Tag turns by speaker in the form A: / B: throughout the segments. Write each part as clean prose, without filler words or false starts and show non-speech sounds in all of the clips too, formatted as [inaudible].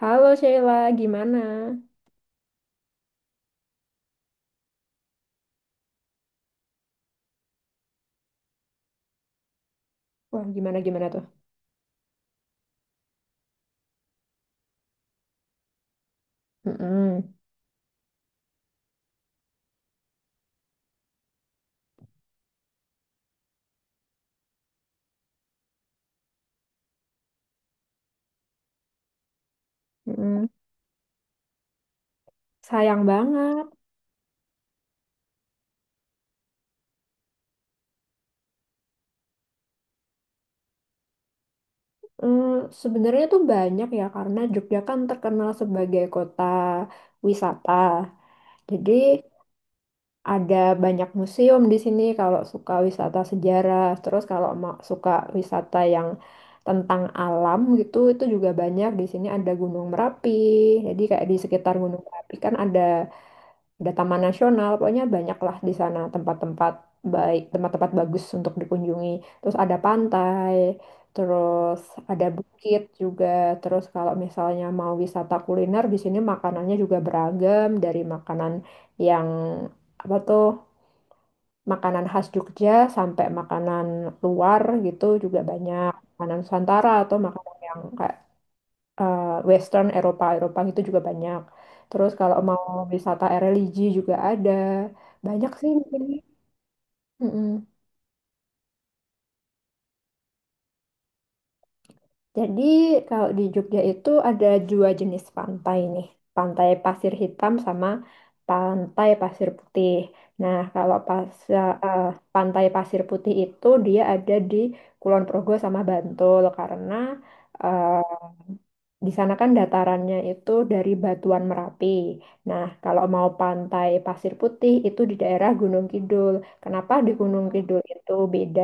A: Halo Sheila, gimana? Wah, gimana gimana tuh? Mm-mm, mm-mm. Sayang banget. Mm, Sebenarnya tuh banyak ya karena Jogja kan terkenal sebagai kota wisata. Jadi ada banyak museum di sini kalau suka wisata sejarah. Terus kalau suka wisata yang tentang alam gitu itu juga banyak di sini, ada Gunung Merapi. Jadi kayak di sekitar Gunung Merapi kan ada taman nasional, pokoknya banyaklah di sana tempat-tempat baik, tempat-tempat bagus untuk dikunjungi. Terus ada pantai, terus ada bukit juga. Terus kalau misalnya mau wisata kuliner, di sini makanannya juga beragam, dari makanan yang apa tuh, makanan khas Jogja sampai makanan luar gitu juga banyak. Makanan Nusantara atau makanan yang kayak eh, Western, Eropa Eropa itu juga banyak. Terus kalau mau wisata religi juga ada banyak sih di sini. Mm-mm. Jadi kalau di Jogja itu ada dua jenis pantai nih, pantai pasir hitam sama pantai pasir putih. Nah kalau pas pantai pasir putih, itu dia ada di Kulon Progo sama Bantul karena eh, di sana kan datarannya itu dari Batuan Merapi. Nah, kalau mau pantai Pasir Putih itu di daerah Gunung Kidul. Kenapa di Gunung Kidul itu beda?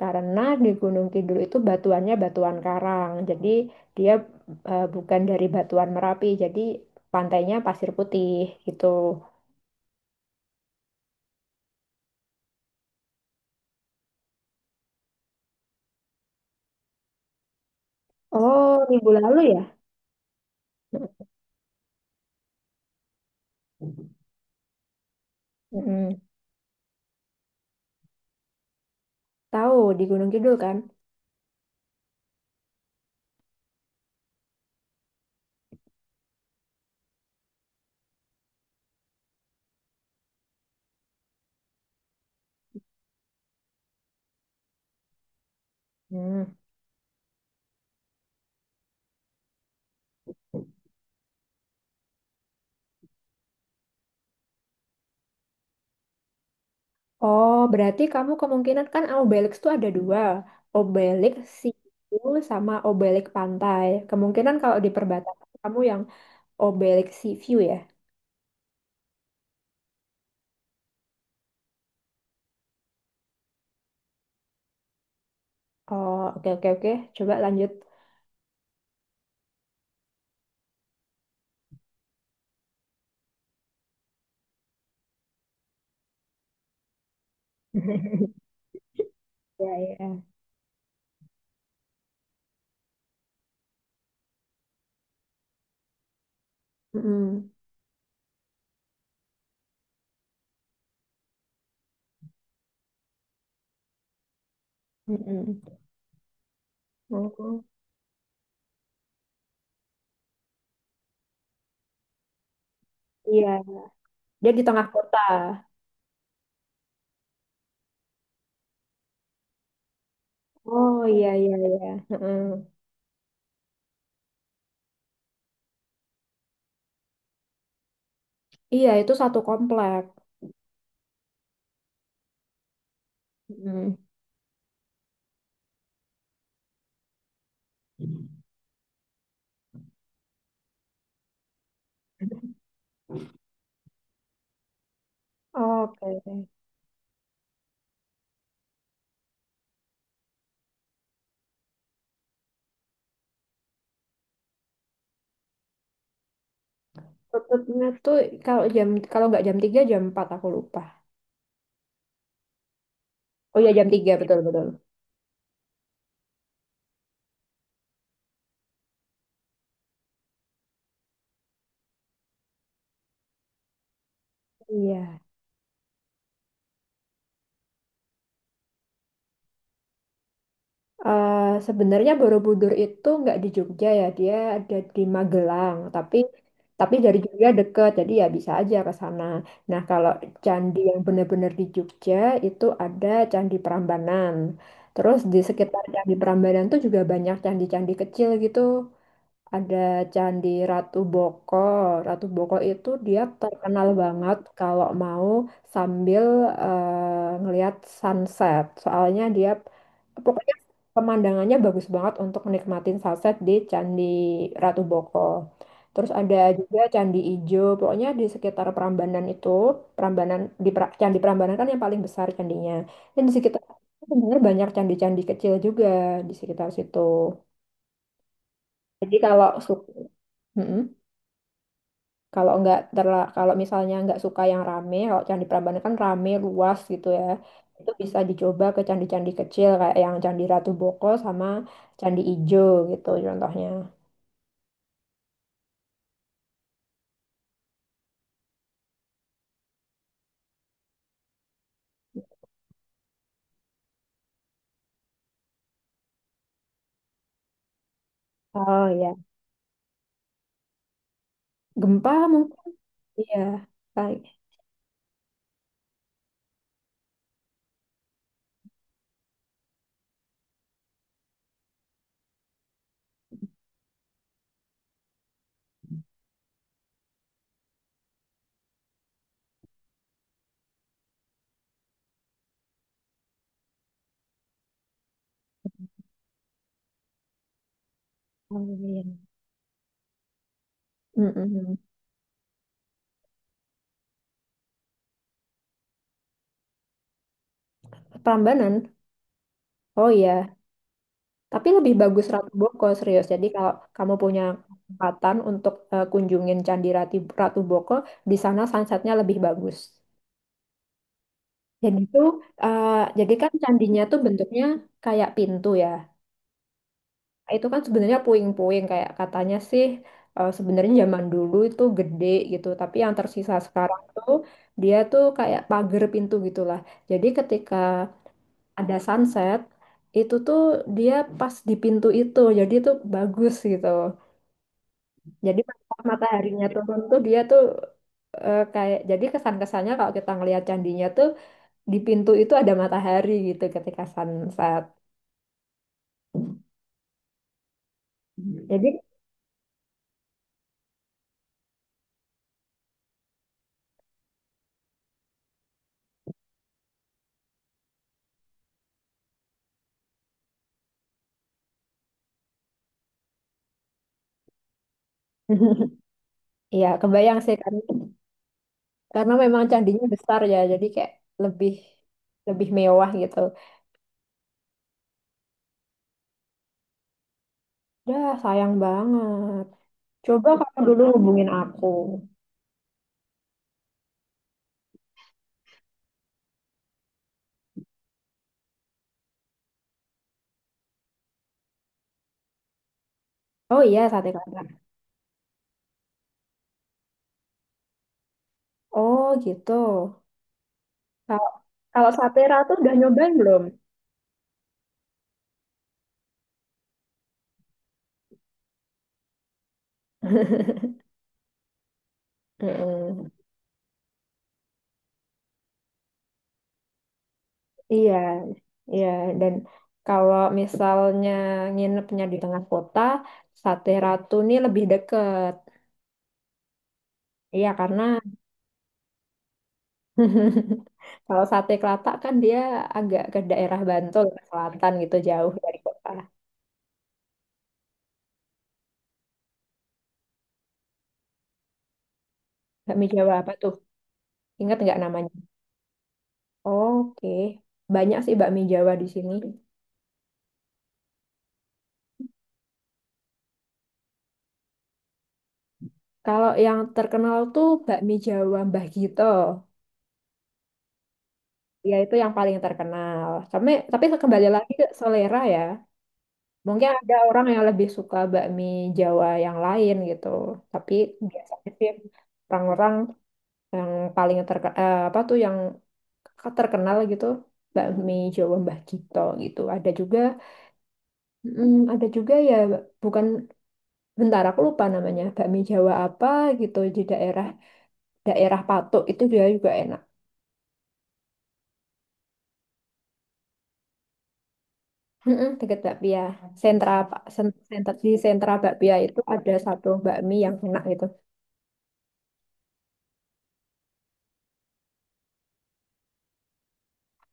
A: Karena di Gunung Kidul itu batuannya batuan karang. Jadi dia bukan dari Batuan Merapi. Jadi pantainya Pasir Putih gitu. Oh, minggu lalu ya? Mm-mm. Tahu di Gunung Kidul kan? Hmm. Oh, berarti kamu kemungkinan, kan Obelix tuh ada dua, Obelix Situ sama Obelix Pantai. Kemungkinan kalau di perbatasan, kamu yang Obelix Sea View ya. Oh, oke oke oke. Coba lanjut. [laughs] Ya ya. Mm-mm. Mm-mm. Oh, iya. Dia di tengah kota. Oh iya iya iya. Mm-mm. Iya itu satu komplek. Mm. Oke. Tutupnya tuh kalau nggak jam tiga, jam empat, aku lupa. Oh iya, jam tiga, betul betul. Iya. Eh, sebenarnya Borobudur itu nggak di Jogja ya, dia ada di Magelang. Tapi dari Jogja deket, jadi ya bisa aja ke sana. Nah, kalau candi yang benar-benar di Jogja itu ada Candi Prambanan. Terus di sekitar Candi Prambanan tuh juga banyak candi-candi kecil gitu. Ada Candi Ratu Boko. Ratu Boko itu dia terkenal banget kalau mau sambil ngelihat sunset. Soalnya dia pokoknya pemandangannya bagus banget untuk nikmatin sunset di Candi Ratu Boko. Terus ada juga Candi Ijo. Pokoknya di sekitar Prambanan itu, Candi Prambanan kan yang paling besar candinya. Dan di sekitar itu sebenarnya banyak candi-candi kecil juga di sekitar situ. Jadi, kalau misalnya nggak suka yang rame, kalau Candi Prambanan kan rame, luas gitu ya. Itu bisa dicoba ke candi-candi kecil kayak yang Candi Ratu Boko sama Candi Ijo gitu contohnya. Oh ya. Gempa mungkin ya. Oh iya. Mm-mm. Prambanan, oh iya, tapi lebih bagus Ratu Boko, serius. Jadi kalau kamu punya kesempatan untuk kunjungin Candi Ratu, Ratu Boko, di sana sunsetnya lebih bagus. Dan itu, eh, jadi kan candinya tuh bentuknya kayak pintu ya. Itu kan sebenarnya puing-puing, kayak katanya sih sebenarnya zaman dulu itu gede gitu. Tapi yang tersisa sekarang tuh dia tuh kayak pagar pintu gitulah. Jadi ketika ada sunset itu tuh dia pas di pintu itu. Jadi itu bagus gitu. Jadi pas mataharinya turun tuh dia tuh kayak jadi kesan-kesannya kalau kita ngelihat candinya tuh di pintu itu ada matahari gitu ketika sunset. Jadi, [laughs] ya kebayang sih karena memang candinya besar ya, jadi kayak lebih lebih mewah gitu. Dah, sayang banget. Coba kamu dulu hubungin aku. Oh iya, sate kata. Oh gitu. Kalau kalau sate ratu udah nyobain belum? [laughs] Mm-mm. Iya, iya. Dan kalau misalnya nginepnya di tengah kota, Sate Ratu ini lebih deket. Iya, karena [laughs] kalau sate Kelatak kan dia agak ke daerah Bantul, ke selatan gitu, jauh dari kota. Bakmi Jawa apa tuh? Ingat nggak namanya? Oke, banyak sih bakmi Jawa di sini. Kalau yang terkenal tuh bakmi Jawa Mbah Gito. Ya itu yang paling terkenal. Tapi, kembali lagi ke selera ya. Mungkin ada orang yang lebih suka bakmi Jawa yang lain gitu. Tapi biasanya sih orang-orang yang paling terkenal, apa tuh yang kakak terkenal gitu, bakmi Jawa Mbah Gito gitu. Ada juga ada juga ya, bukan, bentar aku lupa namanya, bakmi Jawa apa gitu di daerah daerah Patok, itu juga juga enak. Mm-mm, deket bakpia, sentra Pak- sen- sentra di sentra bakpia, itu ada satu bakmi yang enak gitu.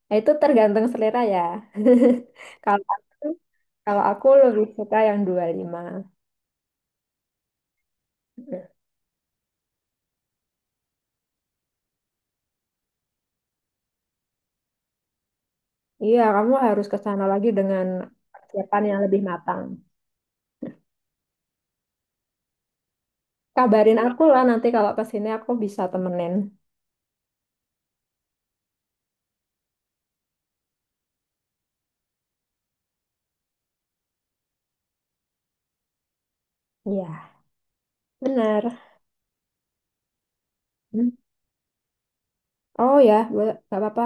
A: Nah, itu tergantung selera ya. [laughs] kalau aku kalau aku lebih suka yang 25 lima. Iya, kamu harus ke sana lagi dengan persiapan yang lebih matang. Kabarin aku lah nanti kalau pas ini, aku bisa temenin. Iya, bener. Hmm. Oh ya, boleh, gak apa-apa.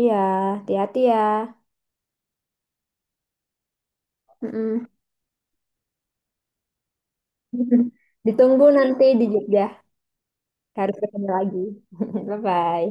A: Iya, hati-hati ya. Mm-mm. [laughs] Ditunggu nanti di Jogja. Harus ketemu lagi. [laughs] Bye-bye.